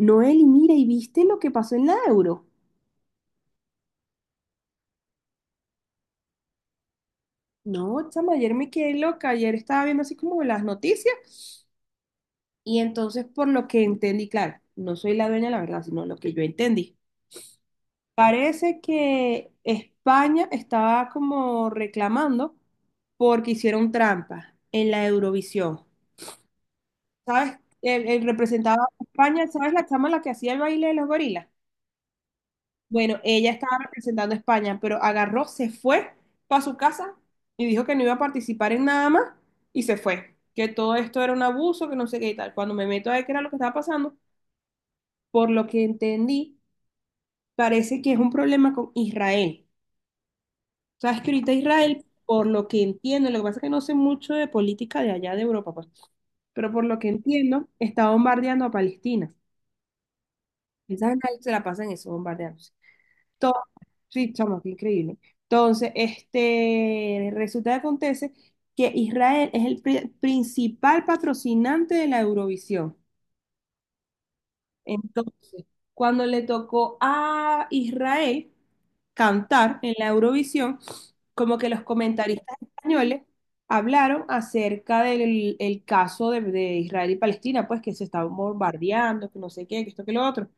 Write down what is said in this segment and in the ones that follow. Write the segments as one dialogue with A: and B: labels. A: Noel, y mira, ¿y viste lo que pasó en la Euro? No, chama, ayer me quedé loca, ayer estaba viendo así como las noticias y entonces por lo que entendí, claro, no soy la dueña de la verdad, sino lo que yo entendí. Parece que España estaba como reclamando porque hicieron trampa en la Eurovisión. ¿Sabes? El representaba a España, ¿sabes la chama la que hacía el baile de los gorilas? Bueno, ella estaba representando a España, pero agarró, se fue para su casa y dijo que no iba a participar en nada más y se fue. Que todo esto era un abuso, que no sé qué y tal. Cuando me meto a ver qué era lo que estaba pasando, por lo que entendí, parece que es un problema con Israel. Sabes que ahorita Israel, por lo que entiendo, lo que pasa es que no sé mucho de política de allá de Europa, pues, pero por lo que entiendo, está bombardeando a Palestina. Esa gente se la pasa en eso, bombardeando. To- Sí, chamo, qué increíble. Entonces, resulta que acontece que Israel es el principal patrocinante de la Eurovisión. Entonces, cuando le tocó a Israel cantar en la Eurovisión, como que los comentaristas españoles hablaron acerca del el caso de Israel y Palestina, pues que se estaban bombardeando, que no sé qué, que esto, que lo otro.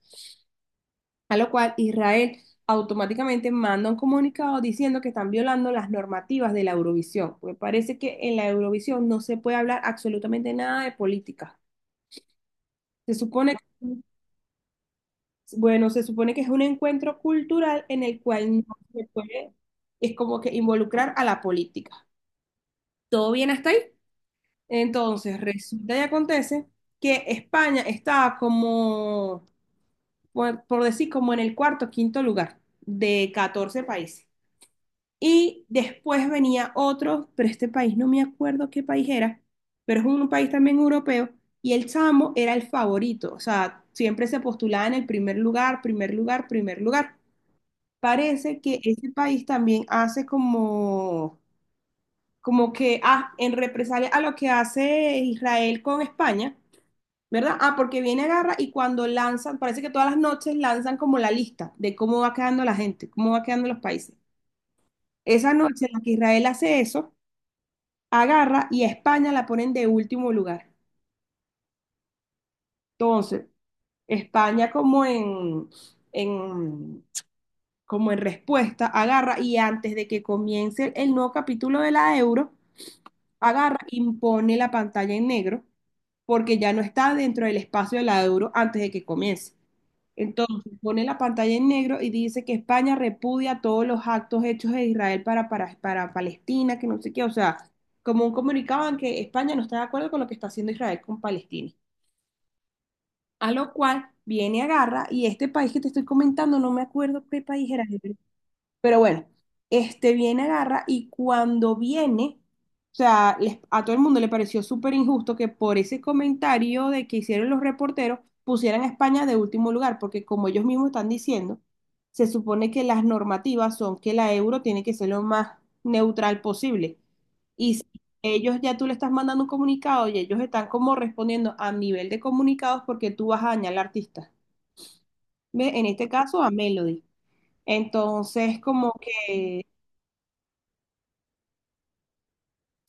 A: A lo cual Israel automáticamente manda un comunicado diciendo que están violando las normativas de la Eurovisión, porque parece que en la Eurovisión no se puede hablar absolutamente nada de política. Se supone que, bueno, se supone que es un encuentro cultural en el cual no se puede, es como que involucrar a la política. ¿Todo bien hasta ahí? Entonces, resulta y acontece que España estaba como, por decir, como en el cuarto, quinto lugar de 14 países. Y después venía otro, pero este país no me acuerdo qué país era, pero es un país también europeo. Y el chamo era el favorito, o sea, siempre se postulaba en el primer lugar, primer lugar, primer lugar. Parece que ese país también hace como, como que, ah, en represalia a lo que hace Israel con España, ¿verdad? Ah, porque viene a guerra y cuando lanzan, parece que todas las noches lanzan como la lista de cómo va quedando la gente, cómo va quedando los países. Esa noche en la que Israel hace eso, agarra y a España la ponen de último lugar. Entonces, España como en- como en respuesta, agarra y antes de que comience el nuevo capítulo de la euro, agarra, impone la pantalla en negro porque ya no está dentro del espacio de la euro antes de que comience. Entonces pone la pantalla en negro y dice que España repudia todos los actos hechos de Israel para Palestina, que no sé qué, o sea, como un comunicado en que España no está de acuerdo con lo que está haciendo Israel con Palestina. A lo cual viene, agarra, y este país que te estoy comentando, no me acuerdo qué país era, pero bueno, este viene, agarra y cuando viene, o sea, a todo el mundo le pareció súper injusto que por ese comentario de que hicieron los reporteros pusieran a España de último lugar, porque como ellos mismos están diciendo, se supone que las normativas son que la euro tiene que ser lo más neutral posible. Y si ellos ya tú le estás mandando un comunicado y ellos están como respondiendo a nivel de comunicados porque tú vas a dañar al artista. ¿Ve? En este caso a Melody. Entonces, como que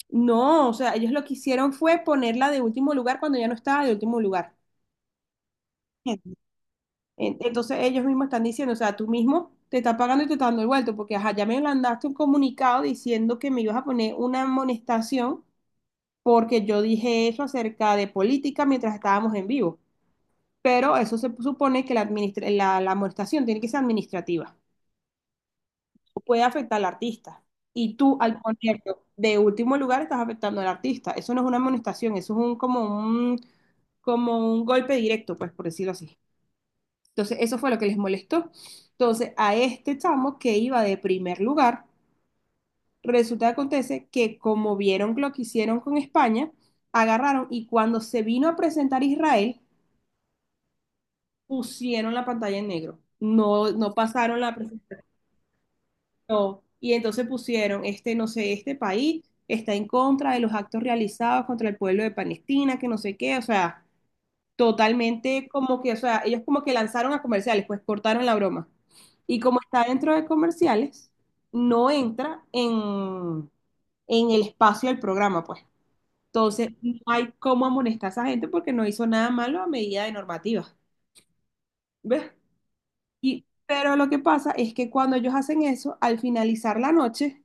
A: no, o sea, ellos lo que hicieron fue ponerla de último lugar cuando ya no estaba de último lugar. Entonces ellos mismos están diciendo, o sea, tú mismo te estás pagando y te estás dando el vuelto, porque ajá, ya me mandaste un comunicado diciendo que me ibas a poner una amonestación porque yo dije eso acerca de política mientras estábamos en vivo. Pero eso se supone que la amonestación tiene que ser administrativa. Puede afectar al artista. Y tú, al ponerlo de último lugar, estás afectando al artista. Eso no es una amonestación, eso es un, como un como un golpe directo, pues por decirlo así. Entonces, eso fue lo que les molestó. Entonces, a este chamo que iba de primer lugar, resulta que acontece que como vieron lo que hicieron con España, agarraron y cuando se vino a presentar Israel, pusieron la pantalla en negro. No, no pasaron la presentación. No. Y entonces pusieron, este, no sé, este país está en contra de los actos realizados contra el pueblo de Palestina, que no sé qué, o sea. Totalmente como que, o sea, ellos como que lanzaron a comerciales, pues cortaron la broma. Y como está dentro de comerciales, no entra en el espacio del programa, pues. Entonces, no hay cómo amonestar a esa gente porque no hizo nada malo a medida de normativa. ¿Ves? Y, pero lo que pasa es que cuando ellos hacen eso, al finalizar la noche,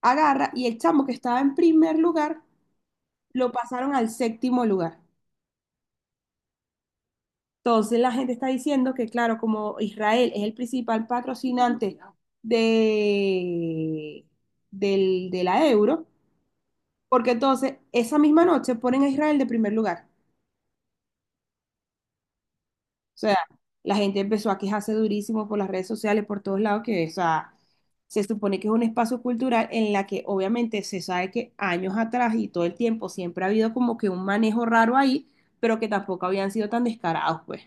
A: agarra y el chamo que estaba en primer lugar, lo pasaron al séptimo lugar. Entonces la gente está diciendo que, claro, como Israel es el principal patrocinante de, de la euro, porque entonces esa misma noche ponen a Israel de primer lugar. O sea, la gente empezó a quejarse durísimo por las redes sociales, por todos lados, que, o sea, se supone que es un espacio cultural en la que obviamente se sabe que años atrás y todo el tiempo siempre ha habido como que un manejo raro ahí, pero que tampoco habían sido tan descarados, pues.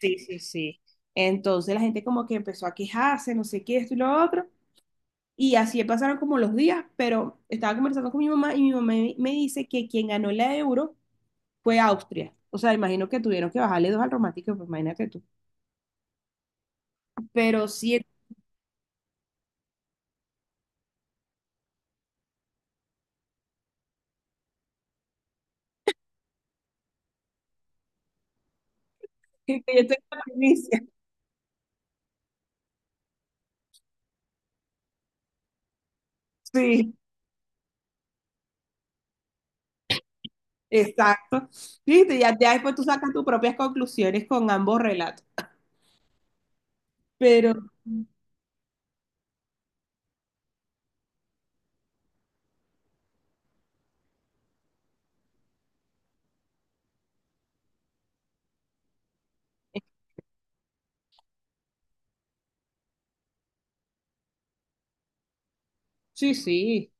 A: Sí, sí, sí. Entonces la gente como que empezó a quejarse, no sé qué, esto y lo otro. Y así pasaron como los días, pero estaba conversando con mi mamá y mi mamá me dice que quien ganó la euro fue Austria. O sea, imagino que tuvieron que bajarle dos al romántico, pues imagínate tú. Pero sí, yo estoy con la primicia. Sí, exacto. Viste, ya, ya después tú sacas tus propias conclusiones con ambos relatos. Pero sí, sí.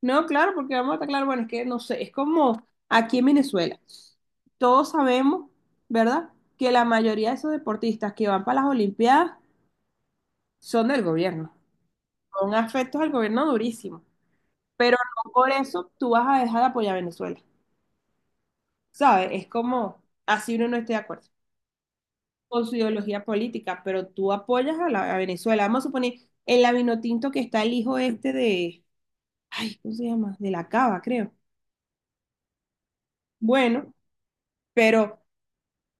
A: No, claro, porque vamos a estar claro, bueno, es que no sé, es como aquí en Venezuela. Todos sabemos, ¿verdad? Que la mayoría de esos deportistas que van para las Olimpiadas son del gobierno. Son afectos al gobierno durísimo. Pero no por eso tú vas a dejar de apoyar a Venezuela. ¿Sabes? Es como, así uno no esté de acuerdo con su ideología política, pero tú apoyas a, la, a Venezuela. Vamos a suponer, en la Vinotinto que está el hijo este de, ay, ¿cómo se llama? De la Cava, creo. Bueno, pero...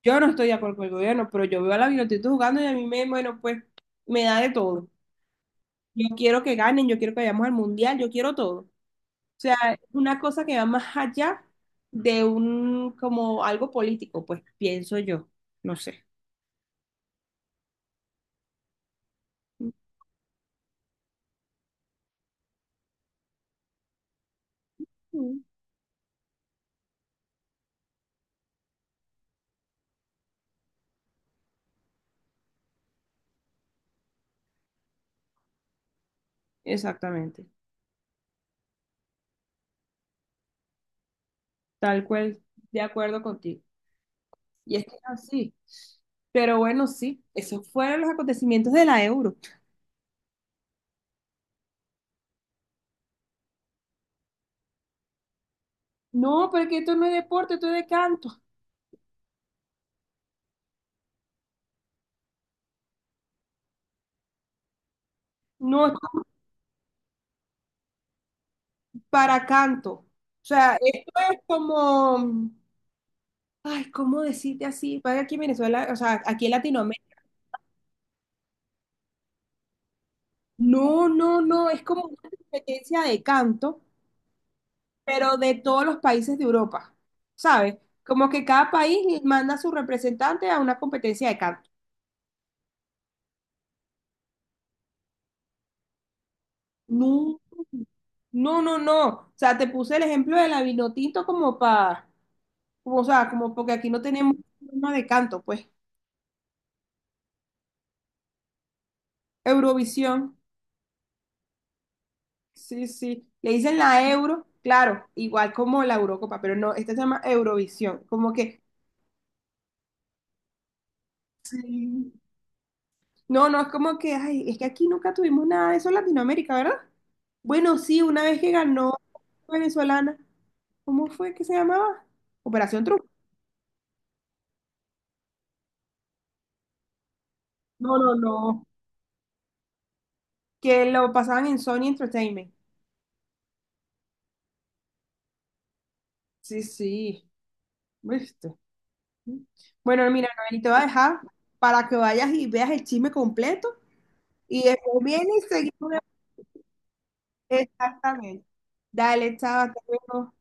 A: Yo no estoy de acuerdo con el gobierno, pero yo veo a la Vinotinto jugando y a mí me, bueno, pues me da de todo. Yo quiero que ganen, yo quiero que vayamos al mundial, yo quiero todo. O sea, una cosa que va más allá de un, como algo político, pues pienso yo, no sé. Ujú. Exactamente, tal cual, de acuerdo contigo. Y es que es así. Pero bueno, sí, esos fueron los acontecimientos de la Euro. No, porque esto no es deporte, esto es de canto. No, para canto. O sea, esto es como, ay, ¿cómo decirte así? Vaya aquí en Venezuela, o sea, aquí en Latinoamérica. No, no, no, es como una competencia de canto, pero de todos los países de Europa, ¿sabes? Como que cada país manda a su representante a una competencia de canto. No, no, no, no. O sea, te puse el ejemplo de la Vinotinto como para, como, o sea, como porque aquí no tenemos forma de canto, pues. Eurovisión. Sí, sí. Le dicen la Euro, claro, igual como la Eurocopa, pero no, esta se llama Eurovisión. Como que, sí. No, no, es como que, ay, es que aquí nunca tuvimos nada de eso en Latinoamérica, ¿verdad? Bueno, sí, una vez que ganó venezolana, ¿cómo fue que se llamaba? Operación Triunfo. No, no, no. Que lo pasaban en Sony Entertainment. Sí, sí. Listo. Bueno, mira, Noel, te voy a dejar para que vayas y veas el chisme completo y después vienes y seguimos. Exactamente. Dale, chao, hasta luego.